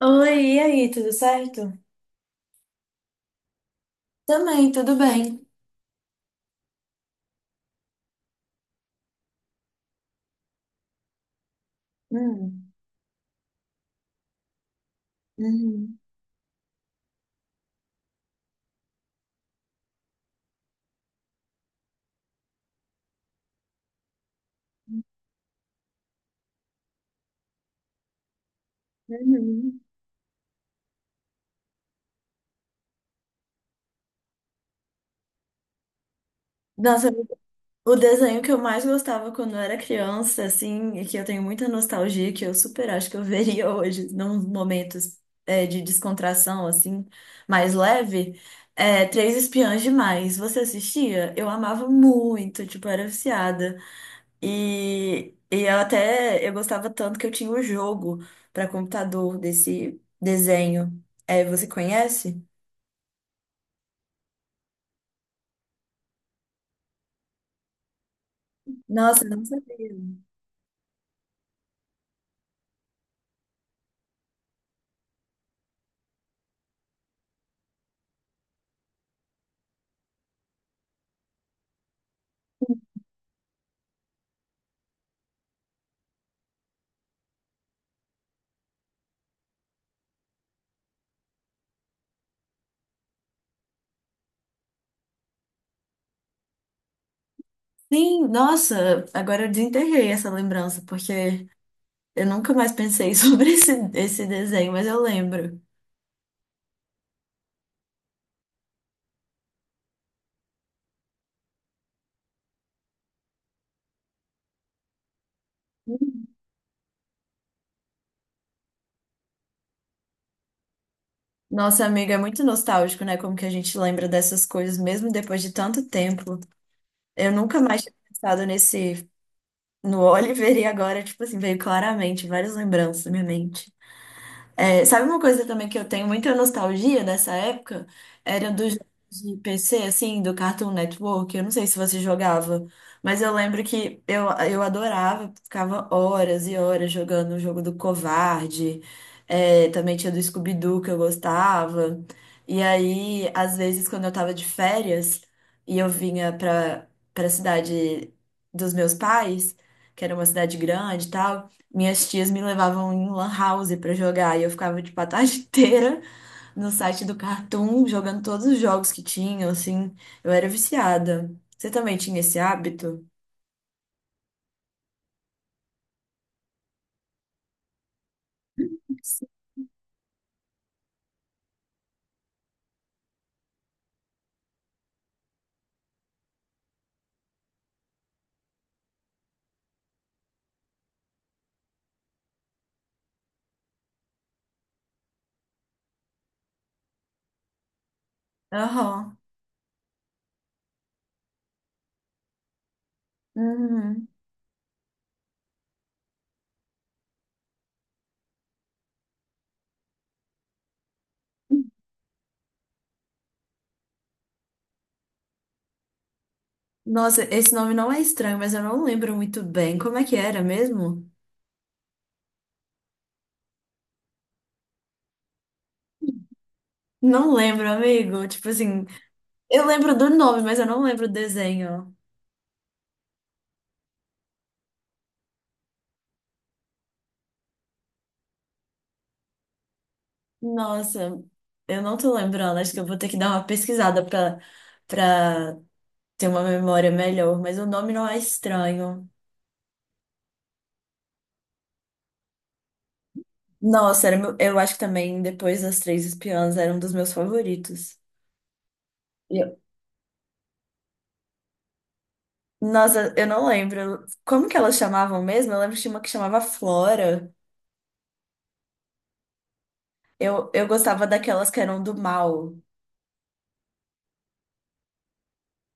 Oi, e aí, tudo certo? Também, tudo bem. Hum, uhum, uhum. Nossa, o desenho que eu mais gostava quando eu era criança, assim, e que eu tenho muita nostalgia, que eu super acho que eu veria hoje, num momentos de descontração, assim, mais leve, é Três Espiãs Demais. Você assistia? Eu amava muito, tipo, era viciada. E eu até eu gostava tanto que eu tinha o jogo para computador desse desenho. É, você conhece? Nossa, eu não sabia. Sim, nossa, agora eu desenterrei essa lembrança, porque eu nunca mais pensei sobre esse desenho, mas eu lembro. Nossa, amiga, é muito nostálgico, né? Como que a gente lembra dessas coisas mesmo depois de tanto tempo. Eu nunca mais tinha pensado no Oliver e agora, tipo assim, veio claramente várias lembranças na minha mente. É, sabe uma coisa também que eu tenho muita nostalgia nessa época? Era dos jogos de PC, assim, do Cartoon Network. Eu não sei se você jogava, mas eu lembro que eu adorava, ficava horas e horas jogando o jogo do Covarde. É, também tinha do Scooby-Doo que eu gostava. E aí, às vezes, quando eu tava de férias e eu vinha pra cidade dos meus pais, que era uma cidade grande e tal. Minhas tias me levavam em lan house pra jogar e eu ficava, tipo, a tarde inteira no site do Cartoon jogando todos os jogos que tinham, assim. Eu era viciada. Você também tinha esse hábito? Aham. Uhum. Nossa, esse nome não é estranho, mas eu não lembro muito bem. Como é que era mesmo? Não lembro, amigo. Tipo assim, eu lembro do nome, mas eu não lembro o desenho. Nossa, eu não tô lembrando. Acho que eu vou ter que dar uma pesquisada. Pra, pra Tem uma memória melhor, mas o nome não é estranho. Nossa, era eu acho que também depois das Três Espiãs era um dos meus favoritos. E eu- Nossa, eu não lembro como que elas chamavam mesmo. Eu lembro que tinha uma que chamava Flora. Eu gostava daquelas que eram do mal.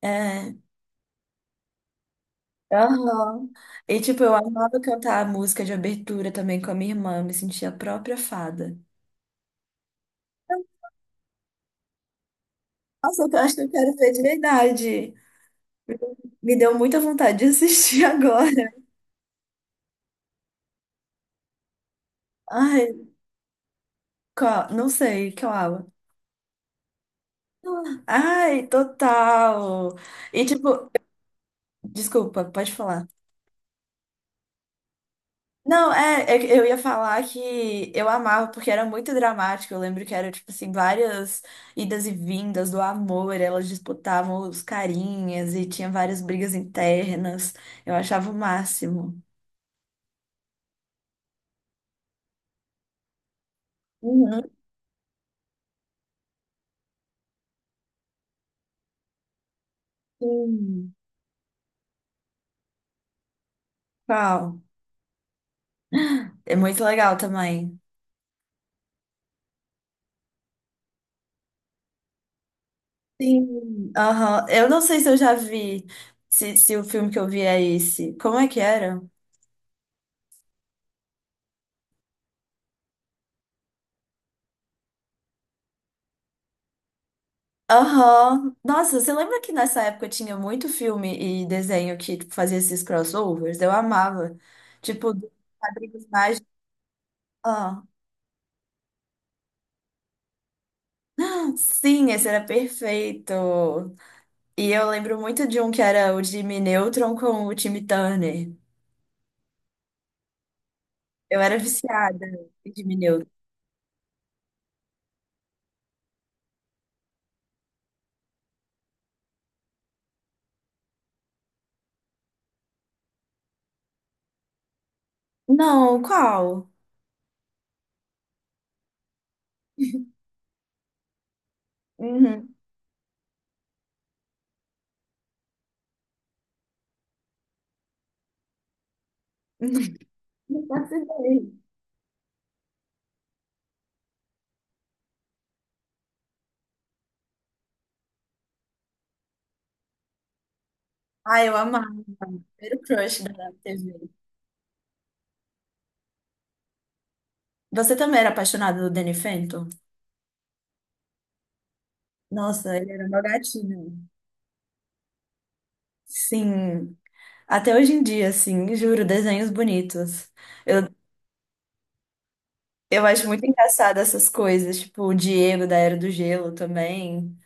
É. Aham. E tipo, eu amava cantar a música de abertura também com a minha irmã. Me sentia a própria fada. Nossa, eu acho que eu quero ver de verdade. Me deu muita vontade de assistir agora. Ai, qual? Não sei, qual? Ai, total. E tipo, desculpa, pode falar. Não, é que eu ia falar que eu amava porque era muito dramático. Eu lembro que era tipo assim, várias idas e vindas do amor, elas disputavam os carinhas e tinha várias brigas internas. Eu achava o máximo. Uhum, sim. Qual? É muito legal também. Sim. Aham. Eu não sei se eu já vi, se o filme que eu vi é esse. Como é que era? Aham. Nossa, você lembra que nessa época tinha muito filme e desenho que tipo, fazia esses crossovers? Eu amava. Tipo, dos quadrinhos mágicos. Ah, sim, esse era perfeito. E eu lembro muito de um que era o Jimmy Neutron com o Timmy Turner. Eu era viciada em Jimmy Neutron. Não, qual? Uhum. Não faço ideia. Ah, eu amava. Era o crush da TV. Você também era apaixonada do Danny Phantom? Nossa, ele era meu gatinho. Sim, até hoje em dia, assim, juro, desenhos bonitos. Eu, eu acho muito engraçado essas coisas, tipo o Diego da Era do Gelo também.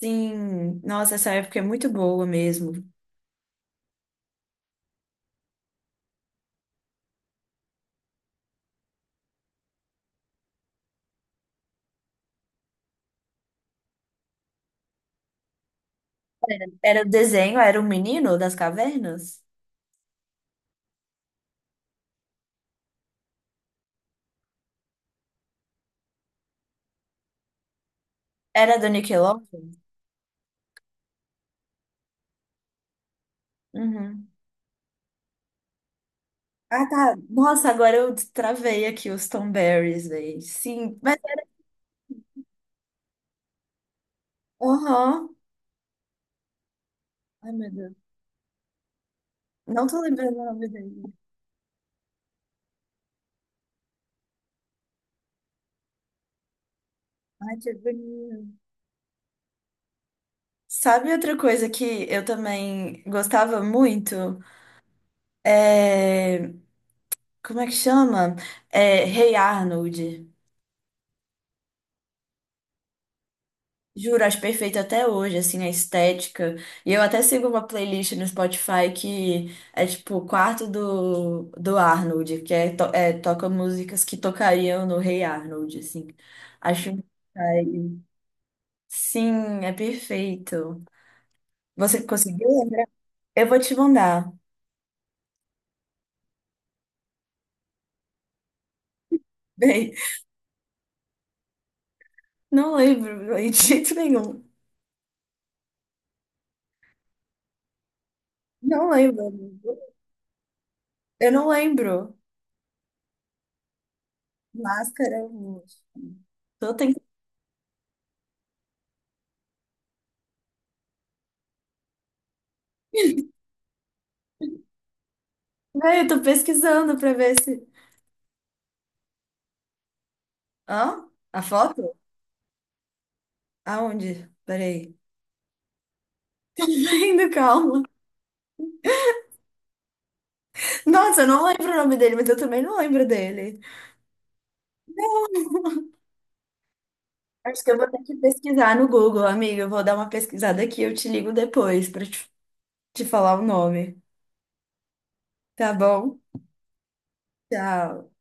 Sim, nossa, essa época é muito boa mesmo. Era o desenho, era o menino das cavernas? Era do Nickelodeon? Uhum. Ah, tá. Nossa, agora eu travei aqui os Tom Berries, velho. Sim, mas. Aham. Ai, meu Deus. Não tô lembrando o nome dele. Ai, que bonito. Sabe outra coisa que eu também gostava muito? É, como é que chama? É, Hey Arnold. Juro, acho perfeito até hoje, assim, a estética. E eu até sigo uma playlist no Spotify que é tipo o quarto do Arnold, que toca músicas que tocariam no Hey Arnold, assim. Acho. Ai, sim, é perfeito. Você conseguiu lembrar? Eu vou te mandar. Beijo. Não lembro, de jeito nenhum. Não lembro, amigo. Eu não lembro. Máscara. Tô, ten- Ah, eu tô pesquisando pra ver se. Hã? A foto? Aonde? Peraí. Ainda, calma. Nossa, eu não lembro o nome dele, mas eu também não lembro dele. Acho que eu vou ter que pesquisar no Google, amiga. Eu vou dar uma pesquisada aqui, eu te ligo depois pra te falar o nome. Tá bom? Tchau.